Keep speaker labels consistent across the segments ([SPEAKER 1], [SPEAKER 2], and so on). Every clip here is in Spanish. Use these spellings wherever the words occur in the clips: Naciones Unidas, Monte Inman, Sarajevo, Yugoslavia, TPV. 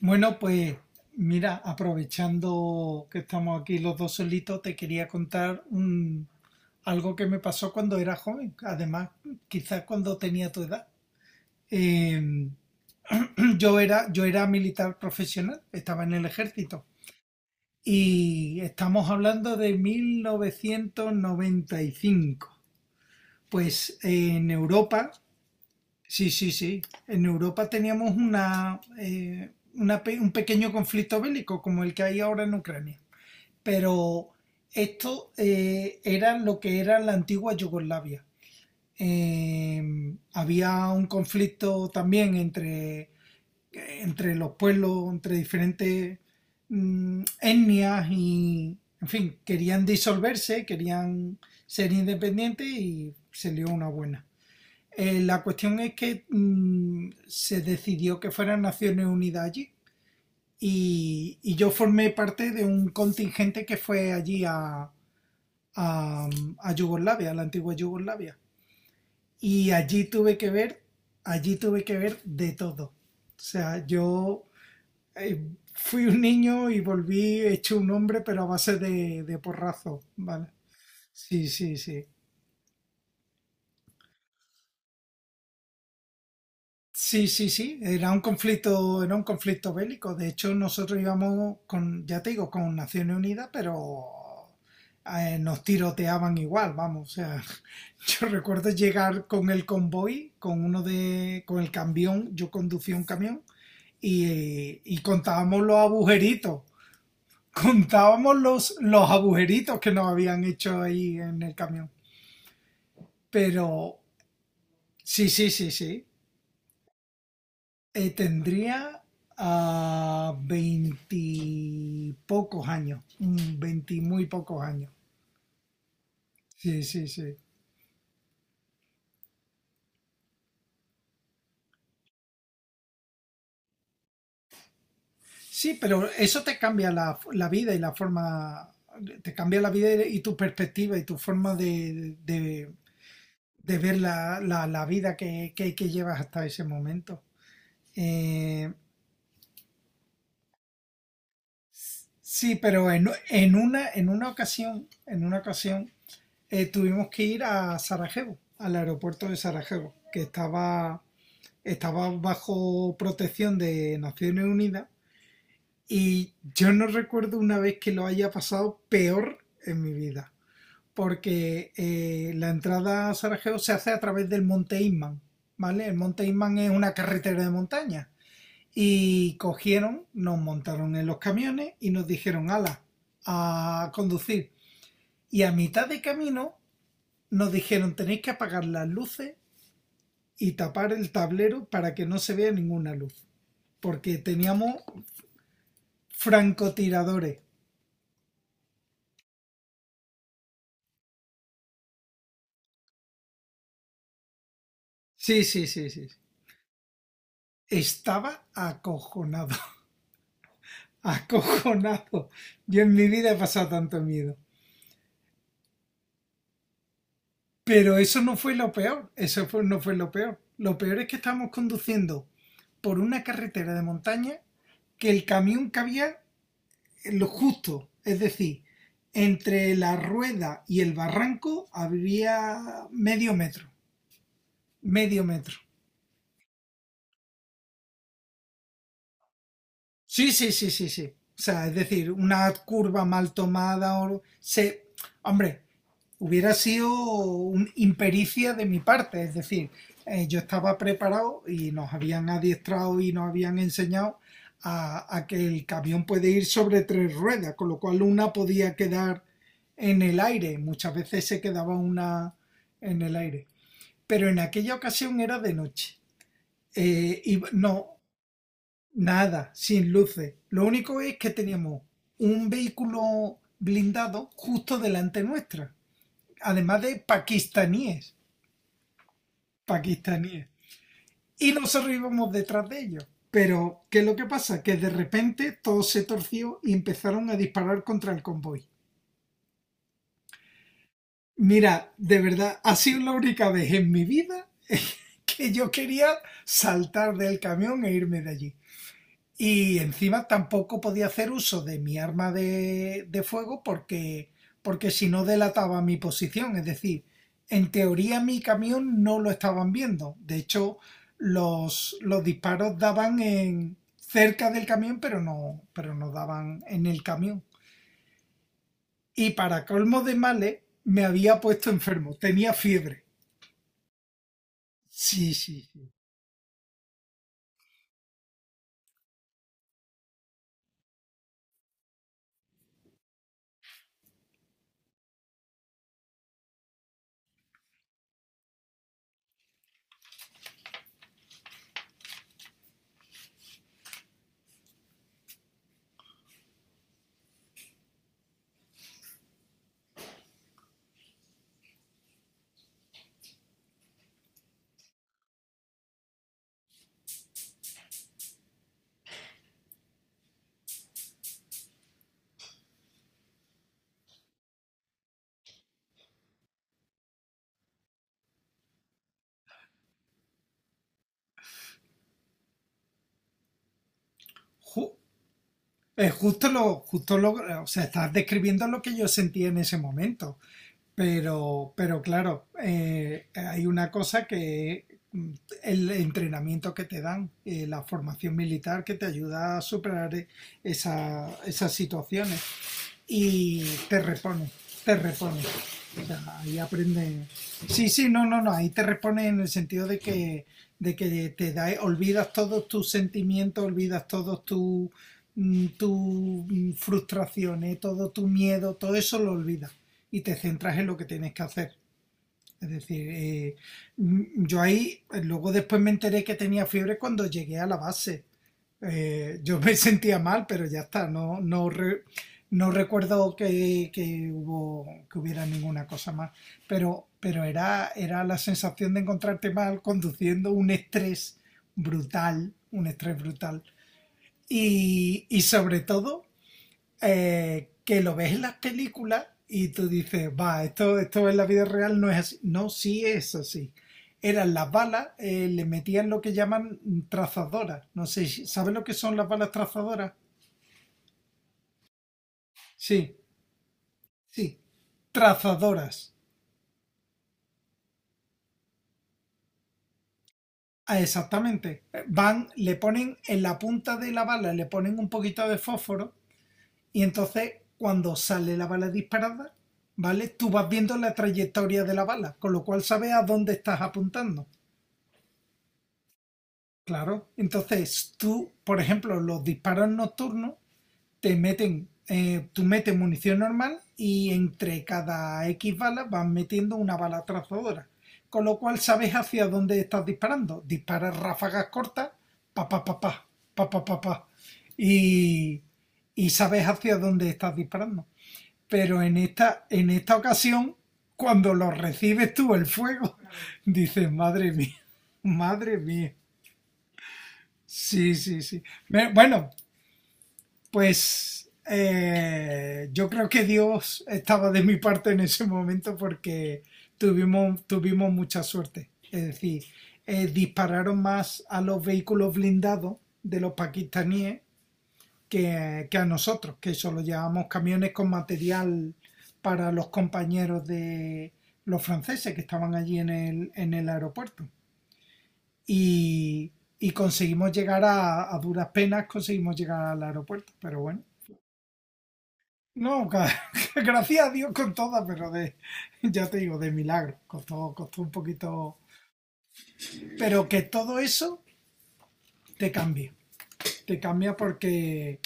[SPEAKER 1] Bueno, pues mira, aprovechando que estamos aquí los dos solitos, te quería algo que me pasó cuando era joven, además quizás cuando tenía tu edad. Eh, yo era militar profesional, estaba en el ejército y estamos hablando de 1995. Pues en Europa. Sí, sí, sí. En Europa teníamos un pequeño conflicto bélico como el que hay ahora en Ucrania. Pero esto era lo que era la antigua Yugoslavia. Había un conflicto también entre los pueblos, entre diferentes etnias y, en fin, querían disolverse, querían ser independientes y se lió una buena. La cuestión es que se decidió que fueran Naciones Unidas allí y yo formé parte de un contingente que fue a, a Yugoslavia, a la antigua Yugoslavia. Y allí tuve que ver de todo. O sea, yo eh, fui un niño y volví hecho un hombre, pero a base de porrazo, ¿vale? Sí, sí, sí. Sí, sí, sí, era un conflicto bélico. De hecho, nosotros íbamos con, ya te digo, con Naciones Unidas, pero nos tiroteaban igual, vamos. O sea, yo recuerdo llegar con el convoy, con uno de, con el camión, yo conducía un camión y contábamos los agujeritos, contábamos los agujeritos que nos habían hecho ahí en el camión. Pero sí, sí, sí, sí. Tendría a veintipocos años, veinti muy pocos años. Sí, sí, sí. Sí, pero eso te cambia la vida y la forma, te cambia la vida y tu perspectiva y tu forma de ver la vida que llevas hasta ese momento. Eh, sí, pero en una ocasión, tuvimos que ir a Sarajevo, al aeropuerto de Sarajevo, que estaba bajo protección de Naciones Unidas, y yo no recuerdo una vez que lo haya pasado peor en mi vida, porque la entrada a Sarajevo se hace a través del Monte Inman, ¿vale? El Monte Inman es una carretera de montaña, y cogieron, nos montaron en los camiones y nos dijeron, ala, a conducir. Y a mitad de camino nos dijeron, tenéis que apagar las luces y tapar el tablero para que no se vea ninguna luz, porque teníamos francotiradores. Sí, sí, sí, sí, sí. Estaba acojonado, acojonado. Yo en mi vida he pasado tanto miedo. Pero eso no fue lo peor, no fue lo peor. Lo peor es que estábamos conduciendo por una carretera de montaña que el camión cabía en lo justo, es decir, entre la rueda y el barranco había medio metro, medio metro. Sí, sí, sí, sí, sí. O sea, es decir, una curva mal hombre, hubiera sido un impericia de mi parte, es decir, yo estaba preparado y nos habían adiestrado y nos habían enseñado a que el camión puede ir sobre tres ruedas, con lo cual una podía quedar en el aire, muchas veces se quedaba una en el aire, pero en aquella ocasión era de noche. Eh, y no, Nada, sin luces. Lo único es que teníamos un vehículo blindado justo delante nuestra, además de pakistaníes, pakistaníes. Y nosotros íbamos detrás de ellos. Pero, ¿qué es lo que pasa? Que de repente todo se torció y empezaron a disparar contra el convoy. Mira, de verdad, ha sido la única vez en mi vida que yo quería saltar del camión e irme de allí. Y encima tampoco podía hacer uso de mi arma de fuego porque, porque si no delataba mi posición. Es decir, en teoría mi camión no lo estaban viendo. De hecho, los disparos daban en, cerca del camión, pero no daban en el camión. Y para colmo de males, me había puesto enfermo. Tenía fiebre. Sí, sí, sí. Ju- justo lo, o sea, estás describiendo lo que yo sentía en ese momento. Pero claro, hay una cosa que el entrenamiento que te dan, la formación militar que te ayuda a superar esas situaciones y te repone, te repone. O sea, ahí aprende. Sí, sí, no, no, no, ahí te repone en el sentido de que te da, olvidas todos tus sentimientos, olvidas todos tus tu frustraciones, todo tu miedo, todo eso lo olvidas y te centras en lo que tienes que hacer. Es decir, yo ahí, luego después me enteré que tenía fiebre cuando llegué a la base. Eh, yo me sentía mal, pero ya está, no recuerdo que hubo, que hubiera ninguna cosa más, pero era, era la sensación de encontrarte mal conduciendo un estrés brutal, un estrés brutal. Y sobre todo, que lo ves en las películas y tú dices, va, esto en la vida real no es así. No, sí es así. Eran las balas, le metían lo que llaman trazadoras. No sé, ¿sabes lo que son las balas trazadoras? Sí, sí. Trazadoras. Ah, exactamente. Van, le ponen en la punta de la bala, le ponen un poquito de fósforo, y entonces cuando sale la bala disparada, ¿vale? Tú vas viendo la trayectoria de la bala, con lo cual sabes a dónde estás apuntando. Claro. Entonces, tú, por ejemplo, los disparos nocturnos te meten, tú metes munición normal y entre cada X balas vas metiendo una bala trazadora. Con lo cual sabes hacia dónde estás disparando. Disparas ráfagas cortas, pa pa pa pa, pa pa pa pa. Y, y sabes hacia dónde estás disparando. Pero en en esta ocasión, cuando lo recibes tú el fuego, dices, madre mía, madre mía. Sí, sí, sí. Bueno, pues yo creo que Dios estaba de mi parte en ese momento porque tuvimos, tuvimos mucha suerte. Es decir, dispararon más a los vehículos blindados de los pakistaníes que a nosotros, que solo llevábamos camiones con material para los compañeros de los franceses que estaban allí en el aeropuerto, y, y conseguimos llegar a duras penas, conseguimos llegar al aeropuerto, pero bueno. No, gracias a Dios con todas, pero ya te digo, de milagro. Costó, costó un poquito. Pero que todo eso te cambia. Te cambia porque.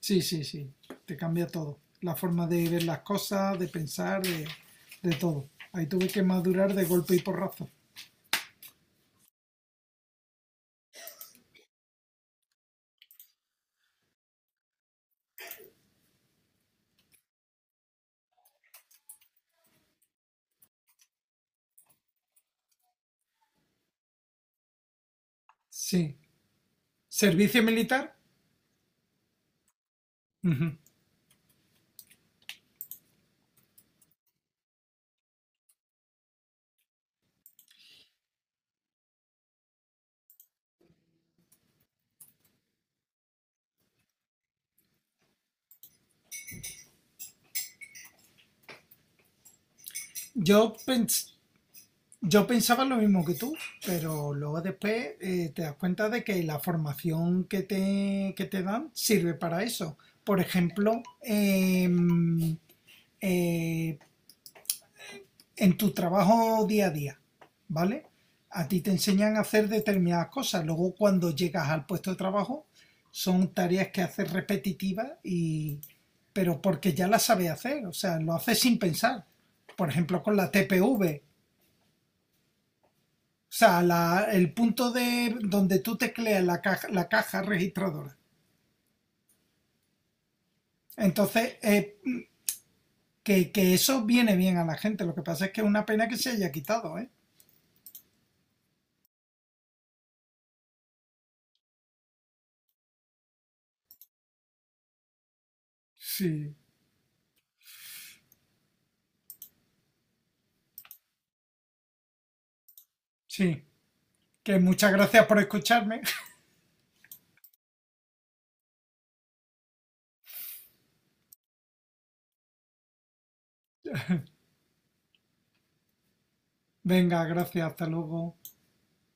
[SPEAKER 1] Sí, sí, sí. Te cambia todo. La forma de ver las cosas, de pensar, de todo. Ahí tuve que madurar de golpe y porrazo. Sí. ¿Servicio militar? Uh -huh. Yo pens Yo pensaba lo mismo que tú, pero luego después te das cuenta de que la formación que te dan sirve para eso. Por ejemplo, eh, en tu trabajo día a día, ¿vale? A ti te enseñan a hacer determinadas cosas. Luego, cuando llegas al puesto de trabajo, son tareas que haces repetitivas pero porque ya las sabes hacer, o sea, lo haces sin pensar. Por ejemplo, con la TPV, o sea, el punto de donde tú tecleas la caja registradora. Entonces, que eso viene bien a la gente. Lo que pasa es que es una pena que se haya quitado, ¿eh? Sí, sí. Que muchas gracias por escucharme. Venga, gracias, hasta luego.